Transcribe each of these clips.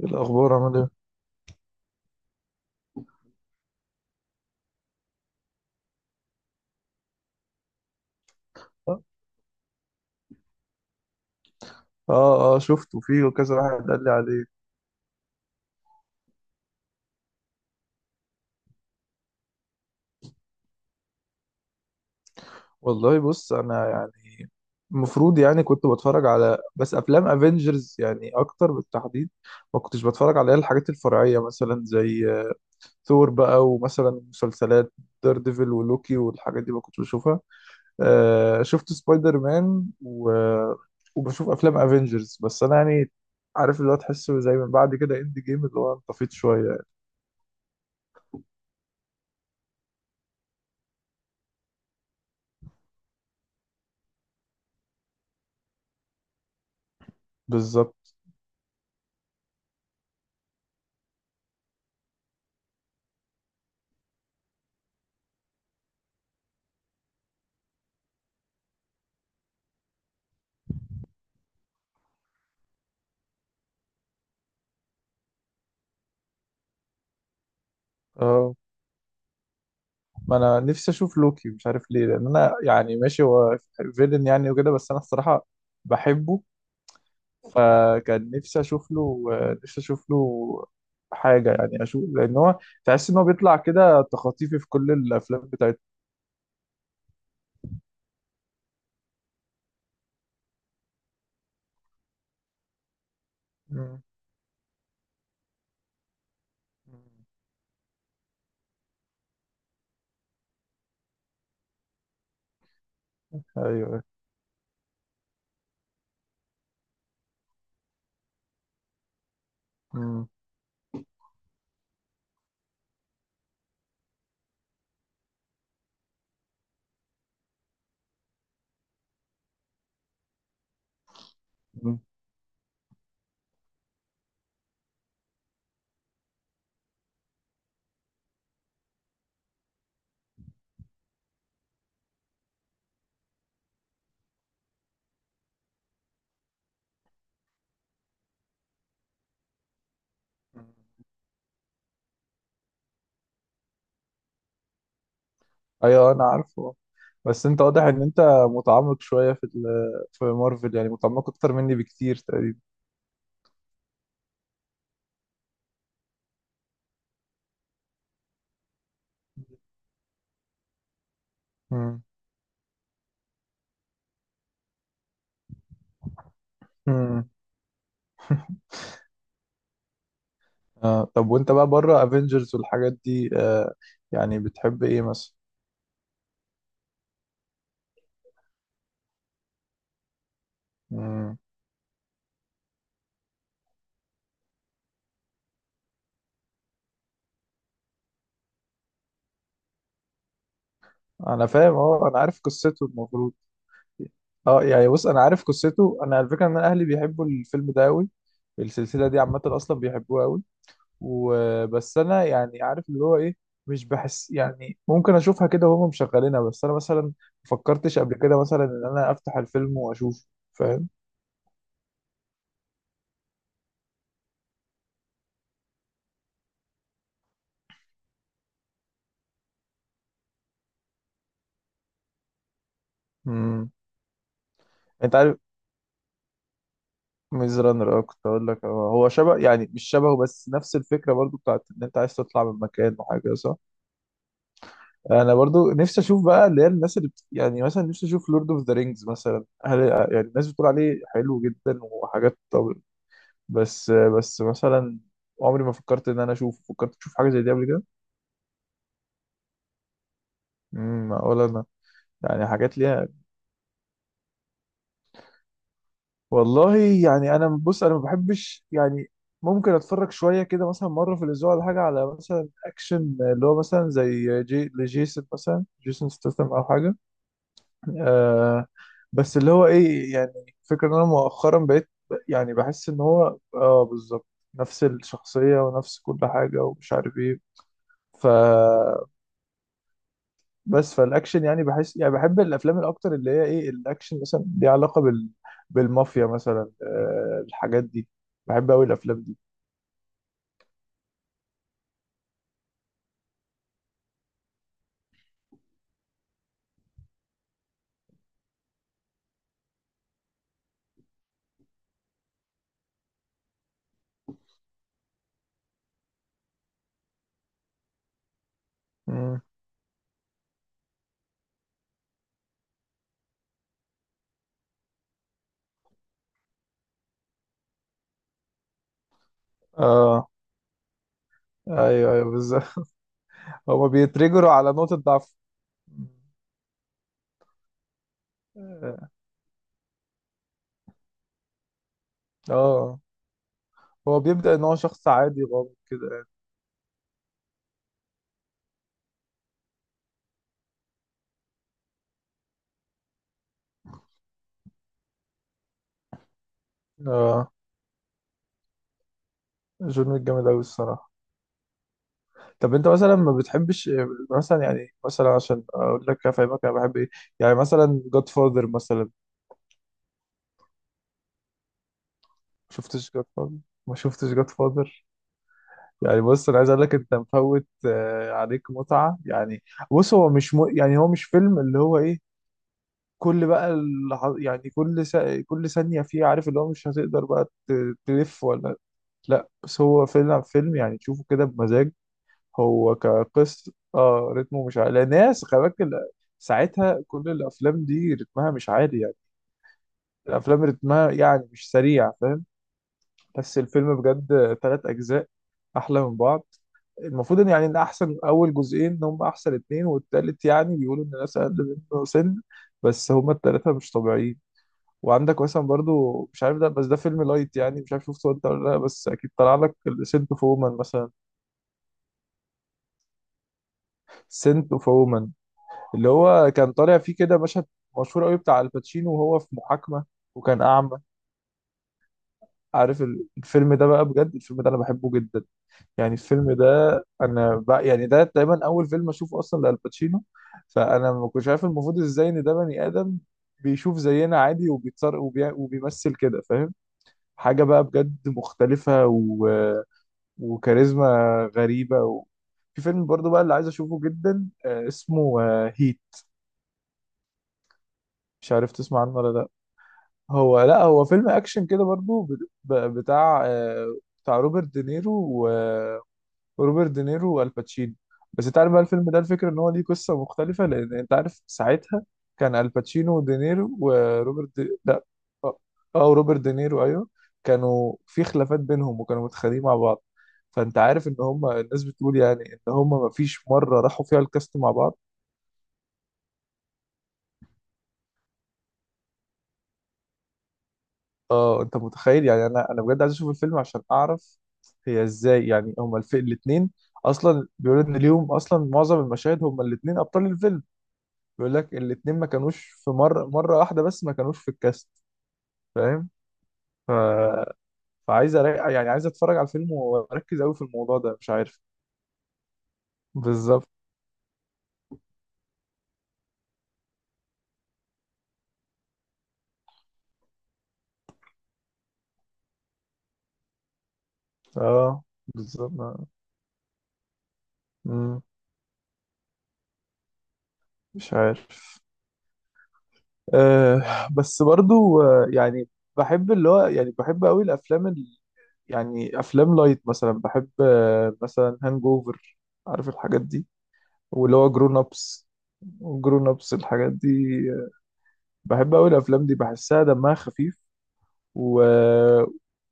إيه الأخبار عامل إيه؟ آه آه، شفته فيه وكذا واحد قال لي عليه. والله بص، أنا يعني المفروض كنت بتفرج على بس أفلام أفينجرز يعني أكتر بالتحديد. ما كنتش بتفرج على الحاجات الفرعية مثلا زي ثور بقى، ومثلا مسلسلات دير ديفل ولوكي والحاجات دي ما كنتش بشوفها. آه، شفت سبايدر مان و... وبشوف أفلام أفينجرز بس. أنا يعني عارف، اللي هو تحسه زي من بعد كده إند جيم اللي هو انطفيت شوية يعني. بالظبط. اه، ما انا نفسي اشوف لوكي، مش عارف ليه، لان انا يعني ماشي، هو فيلن يعني وكده، بس انا الصراحه بحبه. فكان نفسي اشوف له، نفسي اشوف له حاجه يعني اشوف، لان هو تحس ان هو بيطلع كده تخاطيفي في كل الافلام بتاعته. مم. مم. ايوه. مم. مم. مم. ايوه انا عارفه. بس انت واضح ان انت متعمق شويه في في مارفل، يعني متعمق اكتر مني بكتير تقريبا. مم. مم. آه طب، وانت بقى بره افنجرز والحاجات دي آه، يعني بتحب ايه مثلا؟ مم. انا فاهم، اه انا عارف قصته المفروض. اه يعني بص، انا عارف قصته، انا على فكره ان انا اهلي بيحبوا الفيلم ده قوي، السلسله دي عامه اصلا بيحبوها قوي. وبس انا يعني عارف اللي هو ايه، مش بحس يعني، ممكن اشوفها كده وهم مشغلينها، بس انا مثلا ما فكرتش قبل كده مثلا ان انا افتح الفيلم واشوفه. فاهم. امم، انت عارف ميز رانر، اه كنت اقول لك، هو هو شبه يعني، مش شبهه بس نفس الفكره برضو، بتاعت ان انت عايز تطلع من مكان وحاجه، صح. انا برضو نفسي اشوف بقى اللي هي الناس اللي بت... يعني مثلا نفسي اشوف لورد اوف ذا رينجز مثلا، هل يعني الناس بتقول عليه حلو جدا وحاجات؟ طب، بس مثلا عمري ما فكرت ان انا اشوف، فكرت تشوف حاجه زي دي قبل كده؟ امم، ولا انا. يعني حاجات ليها. والله يعني انا بص، انا ما بحبش يعني، ممكن اتفرج شويه كده مثلا مره في الاسبوع ولا حاجه على مثلا اكشن، اللي هو مثلا زي جي لجيسون مثلا، جيسون ستاثام او حاجه. آه، بس اللي هو ايه، يعني فكرة ان انا مؤخرا بقيت يعني بحس ان هو، اه بالظبط، نفس الشخصيه ونفس كل حاجه ومش عارف ايه. ف بس فالاكشن يعني بحس، يعني بحب الافلام الاكتر اللي هي ايه، الاكشن مثلا ليها علاقه بال... بالمافيا مثلا، آه الحاجات دي، بحب قوي الافلام دي. مم. اه، ايوه بالظبط. هما بيتريجروا على نقطه ضعف. اه. آه. هو بيبدا ان هو شخص عادي غامض كده. اه، جون ويك جامد قوي الصراحه. طب انت مثلا ما بتحبش مثلا، يعني مثلا عشان اقول لك افهمك انا بحب ايه، يعني مثلا جاد فاذر مثلا، ما شفتش جاد فاذر؟ ما شفتش جاد فاذر يعني بص، انا عايز اقول لك انت مفوت عليك متعه يعني. بص، هو مش م... يعني هو مش فيلم اللي هو ايه، يعني كل ثانيه فيه، عارف اللي هو مش هتقدر بقى تلف ولا، لا بس هو فيلم يعني تشوفه كده بمزاج. هو كقصه اه رتمه مش عالي، لأن ناس خلي بالك ساعتها كل الافلام دي رتمها مش عالي يعني، الافلام رتمها يعني مش سريع، فاهم. بس الفيلم بجد ثلاث اجزاء احلى من بعض. المفروض ان يعني ان احسن اول جزئين هم احسن اتنين، والتالت يعني بيقولوا ان الناس اقل منه سن، بس هم التلاتة مش طبيعيين. وعندك مثلا برضو، مش عارف ده، بس ده فيلم لايت يعني، مش عارف شفته انت ولا لا، بس اكيد طلع لك، سنت اوف وومن مثلا. سنت اوف وومن، اللي هو كان طالع فيه كده مشهد مشهور قوي بتاع الباتشينو وهو في محاكمة وكان اعمى. عارف الفيلم ده بقى، بجد الفيلم ده انا بحبه جدا يعني. الفيلم ده انا بقى يعني، ده تقريبا اول فيلم اشوفه اصلا لالباتشينو، فانا ما كنتش عارف المفروض ازاي ان ده بني ادم بيشوف زينا عادي وبيتصرف، وبيمثل كده، فاهم. حاجه بقى بجد مختلفه و... وكاريزما غريبه و... في فيلم برضو بقى اللي عايز اشوفه جدا، اسمه هيت. مش عارف تسمع عنه ولا لا. هو لا، هو فيلم اكشن كده برضو، بتاع بتاع روبرت دينيرو، روبرت دينيرو والباتشينو. بس انت عارف بقى الفيلم ده، الفكره ان هو ليه قصه مختلفه، لان انت عارف ساعتها كان الباتشينو ودينيرو، وروبرت لا اه، روبرت دينيرو ايوه، كانوا في خلافات بينهم وكانوا متخانقين مع بعض. فانت عارف ان هم الناس بتقول يعني ان هم ما فيش مره راحوا فيها الكاست مع بعض. اه انت متخيل يعني، انا بجد عايز اشوف الفيلم عشان اعرف هي ازاي، يعني هم الاثنين اصلا بيقولوا ان ليهم اصلا معظم المشاهد، هم الاثنين ابطال الفيلم، بيقول لك الاتنين ما كانوش في مرة واحدة، بس ما كانوش في الكاست. فاهم. ف... يعني عايز اتفرج على الفيلم واركز قوي في الموضوع ده، مش عارف. بالظبط. اه بالظبط. آه. مم. مش عارف. آه، بس برضو آه يعني بحب اللي هو، يعني بحب قوي الافلام ال... يعني افلام لايت مثلا بحب، آه مثلا هانج اوفر، عارف الحاجات دي، واللي هو جرون ابس، جرون ابس الحاجات دي، بحب قوي الافلام دي بحسها دمها خفيف و...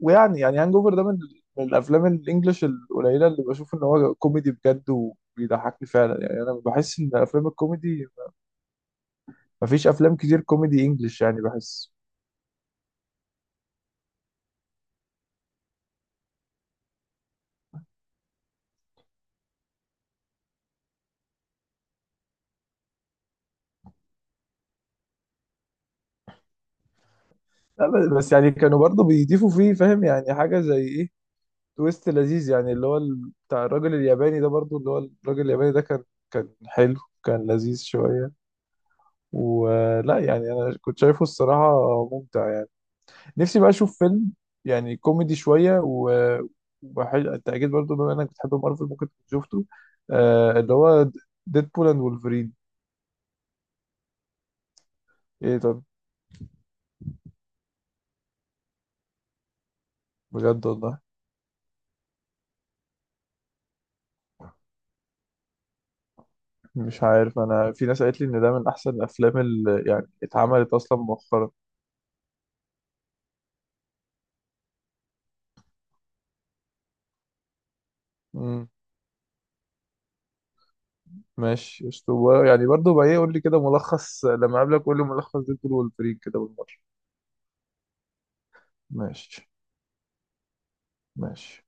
ويعني هانج اوفر ده من الافلام الانجليش القليله اللي بشوف ان هو كوميدي بجد وبيضحكني فعلا. يعني انا بحس ان افلام الكوميدي، مفيش افلام كتير كوميدي انجليش يعني، بحس. لا بس يعني كانوا برضه بيضيفوا فيه، فاهم يعني، حاجه زي ايه، تويست لذيذ يعني، اللي هو بتاع الراجل الياباني ده برضه، اللي هو الراجل الياباني ده كان حلو، كان لذيذ شويه، ولا يعني؟ انا كنت شايفه الصراحه ممتع. نفسي بقى اشوف فيلم يعني كوميدي شويه و التأكيد برضو بما انك بتحب مارفل ممكن تكون شفته، آه اللي هو ديدبول اند وولفرين. ايه؟ طب، بجد والله؟ مش عارف انا، في ناس قالت لي ان ده من احسن الافلام اللي يعني اتعملت اصلا مؤخرا. امم. ماشي اسطوره، يعني برضو بقى ايه، قول لي كده ملخص لما اقابلك، قول لي ملخص ديدبول وولفرين كده بالمره. ماشي. ماشي.